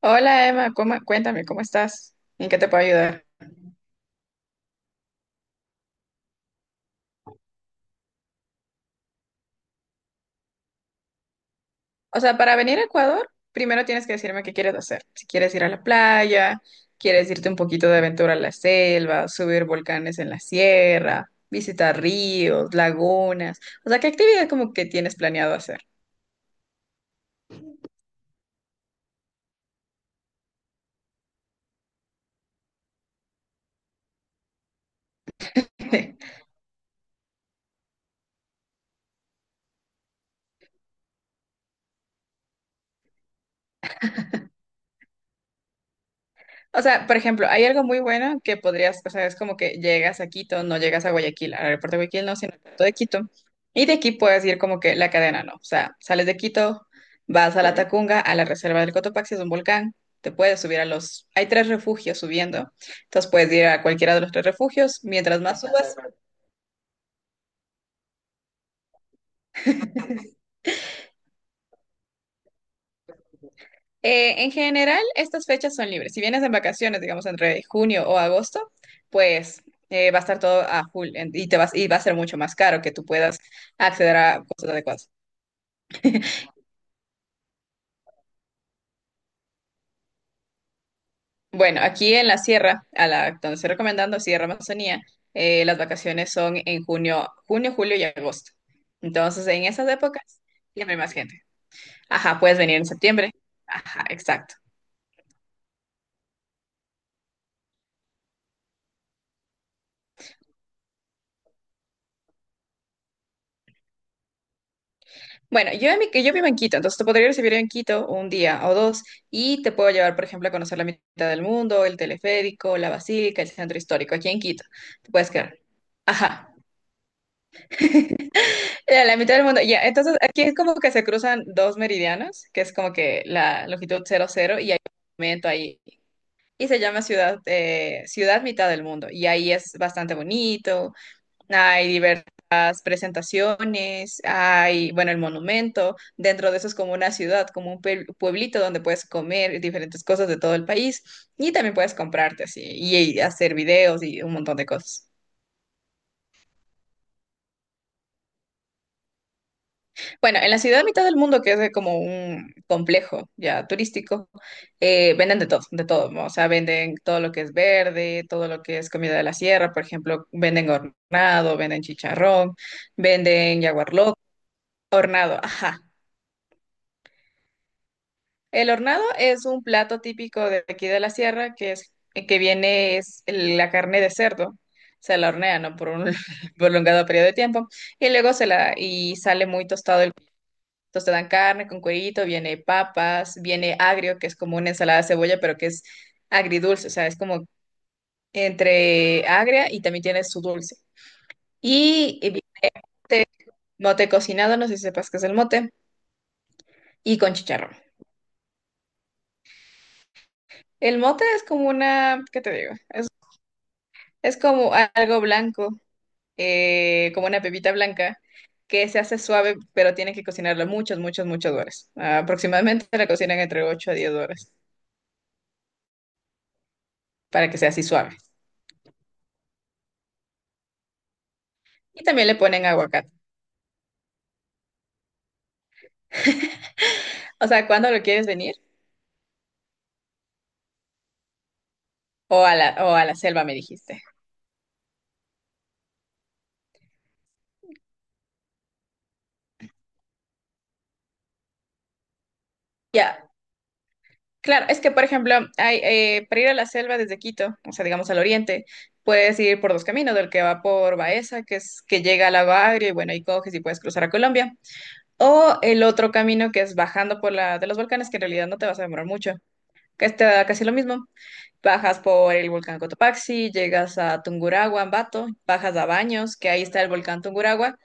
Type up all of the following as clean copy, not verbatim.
Hola Emma, cuéntame, ¿cómo estás? ¿En qué te puedo ayudar? O sea, para venir a Ecuador, primero tienes que decirme qué quieres hacer. Si quieres ir a la playa, quieres irte un poquito de aventura a la selva, subir volcanes en la sierra, visitar ríos, lagunas. O sea, ¿qué actividad como que tienes planeado hacer? O sea, por ejemplo, hay algo muy bueno que podrías, o sea, es como que llegas a Quito, no llegas a Guayaquil, al aeropuerto de Guayaquil, no, sino al aeropuerto de Quito. Y de aquí puedes ir como que la cadena, ¿no? O sea, sales de Quito, vas a la Ok. Tacunga, a la reserva del Cotopaxi, es un volcán, te puedes subir a los. Hay tres refugios subiendo, entonces puedes ir a cualquiera de los tres refugios, mientras más subas. En general, estas fechas son libres. Si vienes en vacaciones, digamos entre junio o agosto, pues va a estar todo a full y te vas y va a ser mucho más caro que tú puedas acceder a cosas adecuadas. Bueno, aquí en la sierra, a la donde estoy recomendando Sierra Amazonía, las vacaciones son en junio, julio y agosto. Entonces, en esas épocas siempre hay más gente. Ajá, puedes venir en septiembre. Ajá, exacto. Bueno, yo vivo en Quito, entonces te podría recibir en Quito un día o dos y te puedo llevar, por ejemplo, a conocer la mitad del mundo, el teleférico, la basílica, el centro histórico, aquí en Quito. Te puedes quedar. Ajá. La mitad del mundo, ya. Entonces, aquí es como que se cruzan dos meridianos, que es como que la longitud 0 0 y hay un momento ahí. Y se llama ciudad mitad del mundo. Y ahí es bastante bonito. Hay diversas presentaciones, hay, bueno, el monumento, dentro de eso es como una ciudad, como un pueblito donde puedes comer diferentes cosas de todo el país y también puedes comprarte así y hacer videos y un montón de cosas. Bueno, en la ciudad mitad del mundo, que es de como un complejo ya turístico, venden de todo, ¿no? O sea, venden todo lo que es verde, todo lo que es comida de la sierra, por ejemplo, venden hornado, venden chicharrón, venden hornado, ajá. El hornado es un plato típico de aquí de la sierra que es que viene la carne de cerdo. Se la hornea, ¿no? Por un prolongado periodo de tiempo y luego se la y sale muy tostado el entonces te dan carne con cuerito, viene papas, viene agrio, que es como una ensalada de cebolla, pero que es agridulce, o sea, es como entre agria y también tiene su dulce. Y, y vi- Mote cocinado, no sé si sepas qué es el mote, y con chicharrón. El mote es como una, ¿qué te digo? Es como algo blanco, como una pepita blanca, que se hace suave, pero tiene que cocinarla muchas, muchas, muchas horas. Ah, aproximadamente la cocinan entre 8 a 10 horas para que sea así suave. Y también le ponen aguacate. O sea, ¿cuándo lo quieres venir? O a la selva, me dijiste. Ya, claro, es que, por ejemplo, hay, para ir a la selva desde Quito, o sea, digamos al oriente, puedes ir por dos caminos, del que va por Baeza, que es que llega a la Bagre, y bueno, ahí coges y puedes cruzar a Colombia. O el otro camino que es bajando por la de los volcanes, que en realidad no te vas a demorar mucho, que está casi lo mismo. Bajas por el volcán Cotopaxi, llegas a Tungurahua, Ambato, bajas a Baños, que ahí está el volcán Tungurahua,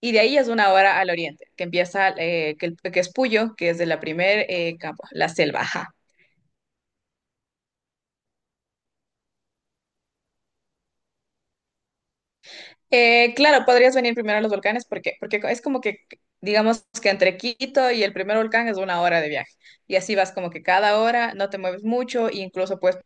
y de ahí es 1 hora al oriente, que empieza, que, que es Puyo, que es de la primer, campo, la selva. Ajá. Claro, podrías venir primero a los volcanes, ¿por qué? Porque es como que, digamos que entre Quito y el primer volcán es 1 hora de viaje, y así vas como que cada hora, no te mueves mucho, e incluso puedes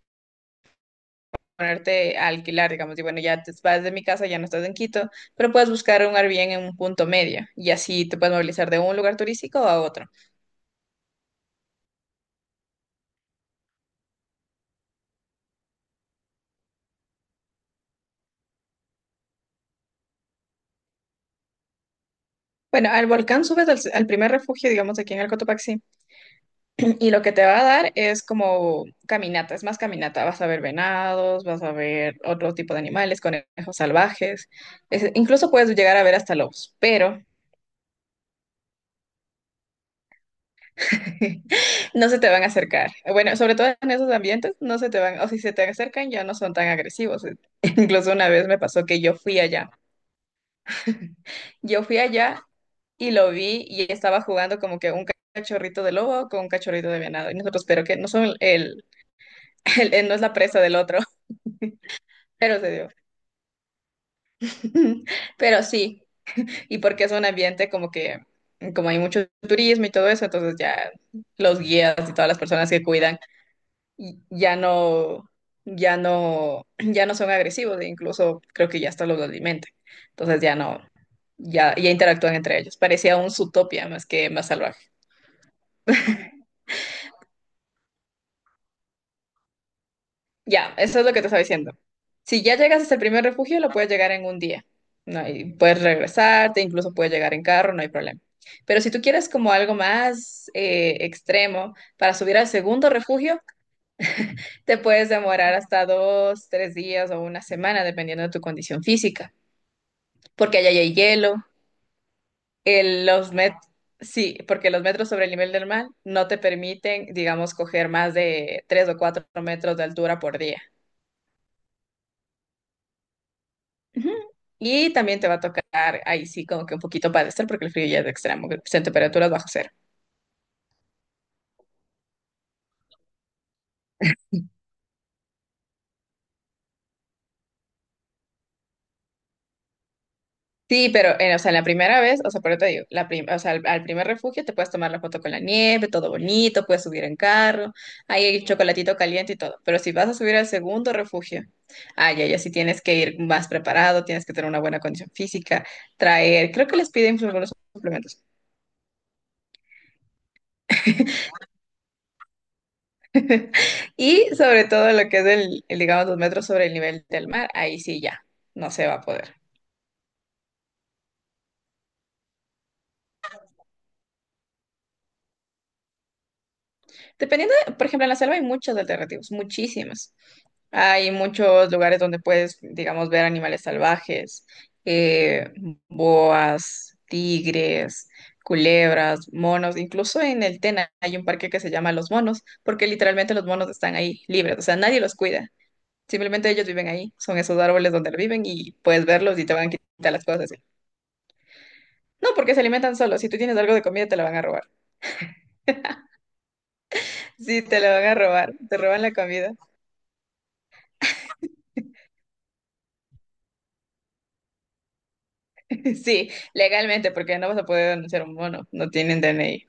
ponerte a alquilar, digamos, y bueno, ya te vas de mi casa, ya no estás en Quito, pero puedes buscar un Airbnb en un punto medio y así te puedes movilizar de un lugar turístico a otro. Bueno, al volcán subes al primer refugio, digamos, aquí en el Cotopaxi, y lo que te va a dar es como caminata, es más caminata, vas a ver venados, vas a ver otro tipo de animales, conejos salvajes, incluso puedes llegar a ver hasta lobos, pero no se te van a acercar. Bueno, sobre todo en esos ambientes, no se te van, o si se te acercan, ya no son tan agresivos. Incluso una vez me pasó que yo fui allá. Yo fui allá y lo vi y estaba jugando como que un cachorrito de lobo con un cachorrito de venado. Y nosotros, pero que no son no es la presa del otro, pero se dio. Pero sí, y porque es un ambiente como que, como hay mucho turismo y todo eso, entonces ya los guías y todas las personas que cuidan y ya no, ya no son agresivos e incluso creo que ya hasta los alimentan. Entonces ya no, ya, ya interactúan entre ellos. Parecía un Zootopia más que más salvaje. Ya, eso es lo que te estaba diciendo. Si ya llegas hasta el primer refugio, lo puedes llegar en un día. No, y puedes regresarte, incluso puedes llegar en carro, no hay problema. Pero si tú quieres como algo más extremo para subir al segundo refugio, te puedes demorar hasta dos, tres días o una semana, dependiendo de tu condición física. Porque allá ya hay hielo, el- los met sí, porque los metros sobre el nivel del mar no te permiten, digamos, coger más de 3 o 4 metros de altura por día. Ujú. Y también te va a tocar ahí sí como que un poquito padecer porque el frío ya es extremo, son temperaturas bajo cero. Sí, pero, o sea, en la primera vez, o sea, por eso te digo, o sea, al primer refugio te puedes tomar la foto con la nieve, todo bonito, puedes subir en carro, ahí hay chocolatito caliente y todo. Pero si vas a subir al segundo refugio, ay, ya sí tienes que ir más preparado, tienes que tener una buena condición física, traer, creo que les piden algunos suplementos. Y sobre todo lo que es el, digamos, 2 metros sobre el nivel del mar, ahí sí ya, no se va a poder. Dependiendo por ejemplo, en la selva hay muchos alternativos, muchísimos. Hay muchos lugares donde puedes, digamos, ver animales salvajes, eh, boas, tigres, culebras, monos. Incluso en el Tena hay un parque que se llama Los Monos, porque literalmente los monos están ahí libres, o sea, nadie los cuida. Simplemente ellos viven ahí, son esos árboles donde viven y puedes verlos y te van a quitar las cosas. No, porque se alimentan solos. Si tú tienes algo de comida, te la van a robar. Sí, te la van a robar, te roban la comida. Sí, legalmente, porque no vas a poder denunciar a un mono, no tienen DNI.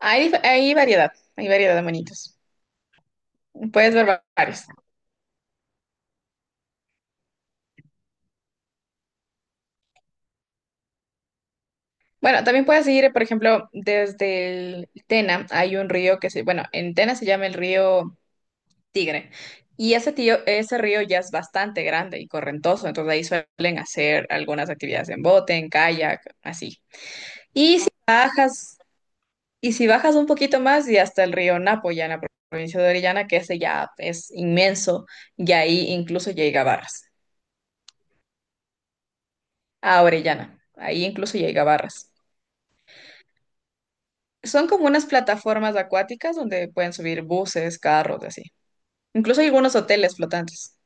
Hay variedad de monitos. Puedes ver varios. Bueno, también puedes ir, por ejemplo, desde el Tena hay un río que se, bueno, en Tena se llama el río Tigre. Y ese tío, ese río ya es bastante grande y correntoso, entonces ahí suelen hacer algunas actividades en bote, en kayak, así. Y si bajas, y si bajas un poquito más y hasta el río Napo, ya en la provincia de Orellana, que ese ya es inmenso, y ahí incluso llega a Barras, a Orellana, ahí incluso llega a Barras. Son como unas plataformas acuáticas donde pueden subir buses, carros, y así. Incluso hay algunos hoteles flotantes.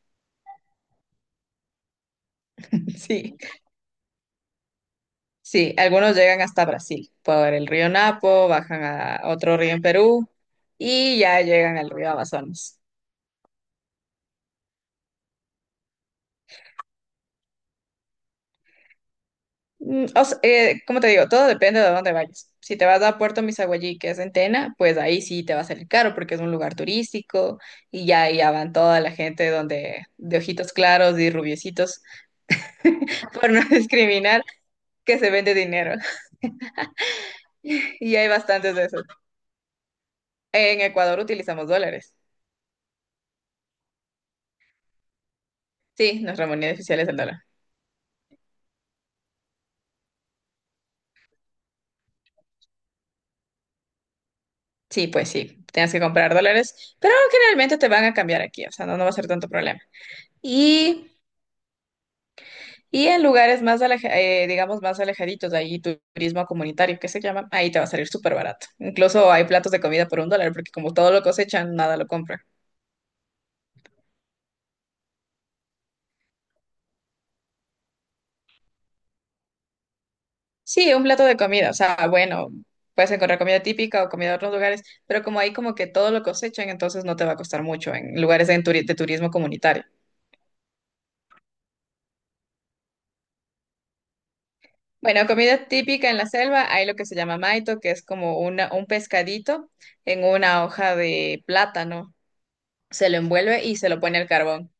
Sí, sí, algunos llegan hasta Brasil, por el río Napo, bajan a otro río en Perú y ya llegan al río Amazonas. O sea, como te digo, todo depende de dónde vayas. Si te vas a Puerto Misaguallí, que es en Tena, pues ahí sí te va a salir caro porque es un lugar turístico y ya van toda la gente donde, de ojitos claros y rubiecitos, por no discriminar, que se vende dinero. Y hay bastantes de esos. En Ecuador utilizamos dólares. Sí, nuestra moneda oficial es el dólar. Sí, pues sí, tienes que comprar dólares, pero generalmente te van a cambiar aquí, o sea, no, no va a ser tanto problema. Y, y en lugares más, digamos, más alejaditos, ahí turismo comunitario, que se llama, ahí te va a salir súper barato. Incluso hay platos de comida por 1 dólar, porque como todo lo cosechan, nada lo compran. Sí, un plato de comida, o sea, bueno, puedes encontrar comida típica o comida de otros lugares, pero como ahí como que todo lo cosechan, entonces no te va a costar mucho en lugares de turismo comunitario. Bueno, comida típica en la selva, hay lo que se llama maito, que es como una, un pescadito en una hoja de plátano. Se lo envuelve y se lo pone al carbón.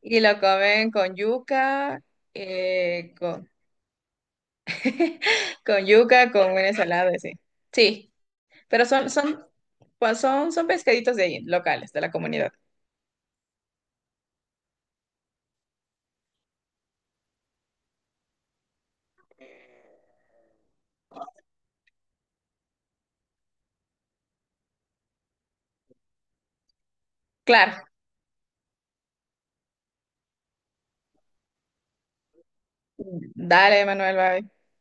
Y lo comen con yuca, con, con yuca, con una ensalada, sí. Sí, pero pues son pescaditos de ahí, locales, de la comunidad. Claro. Dale, Manuel, bye.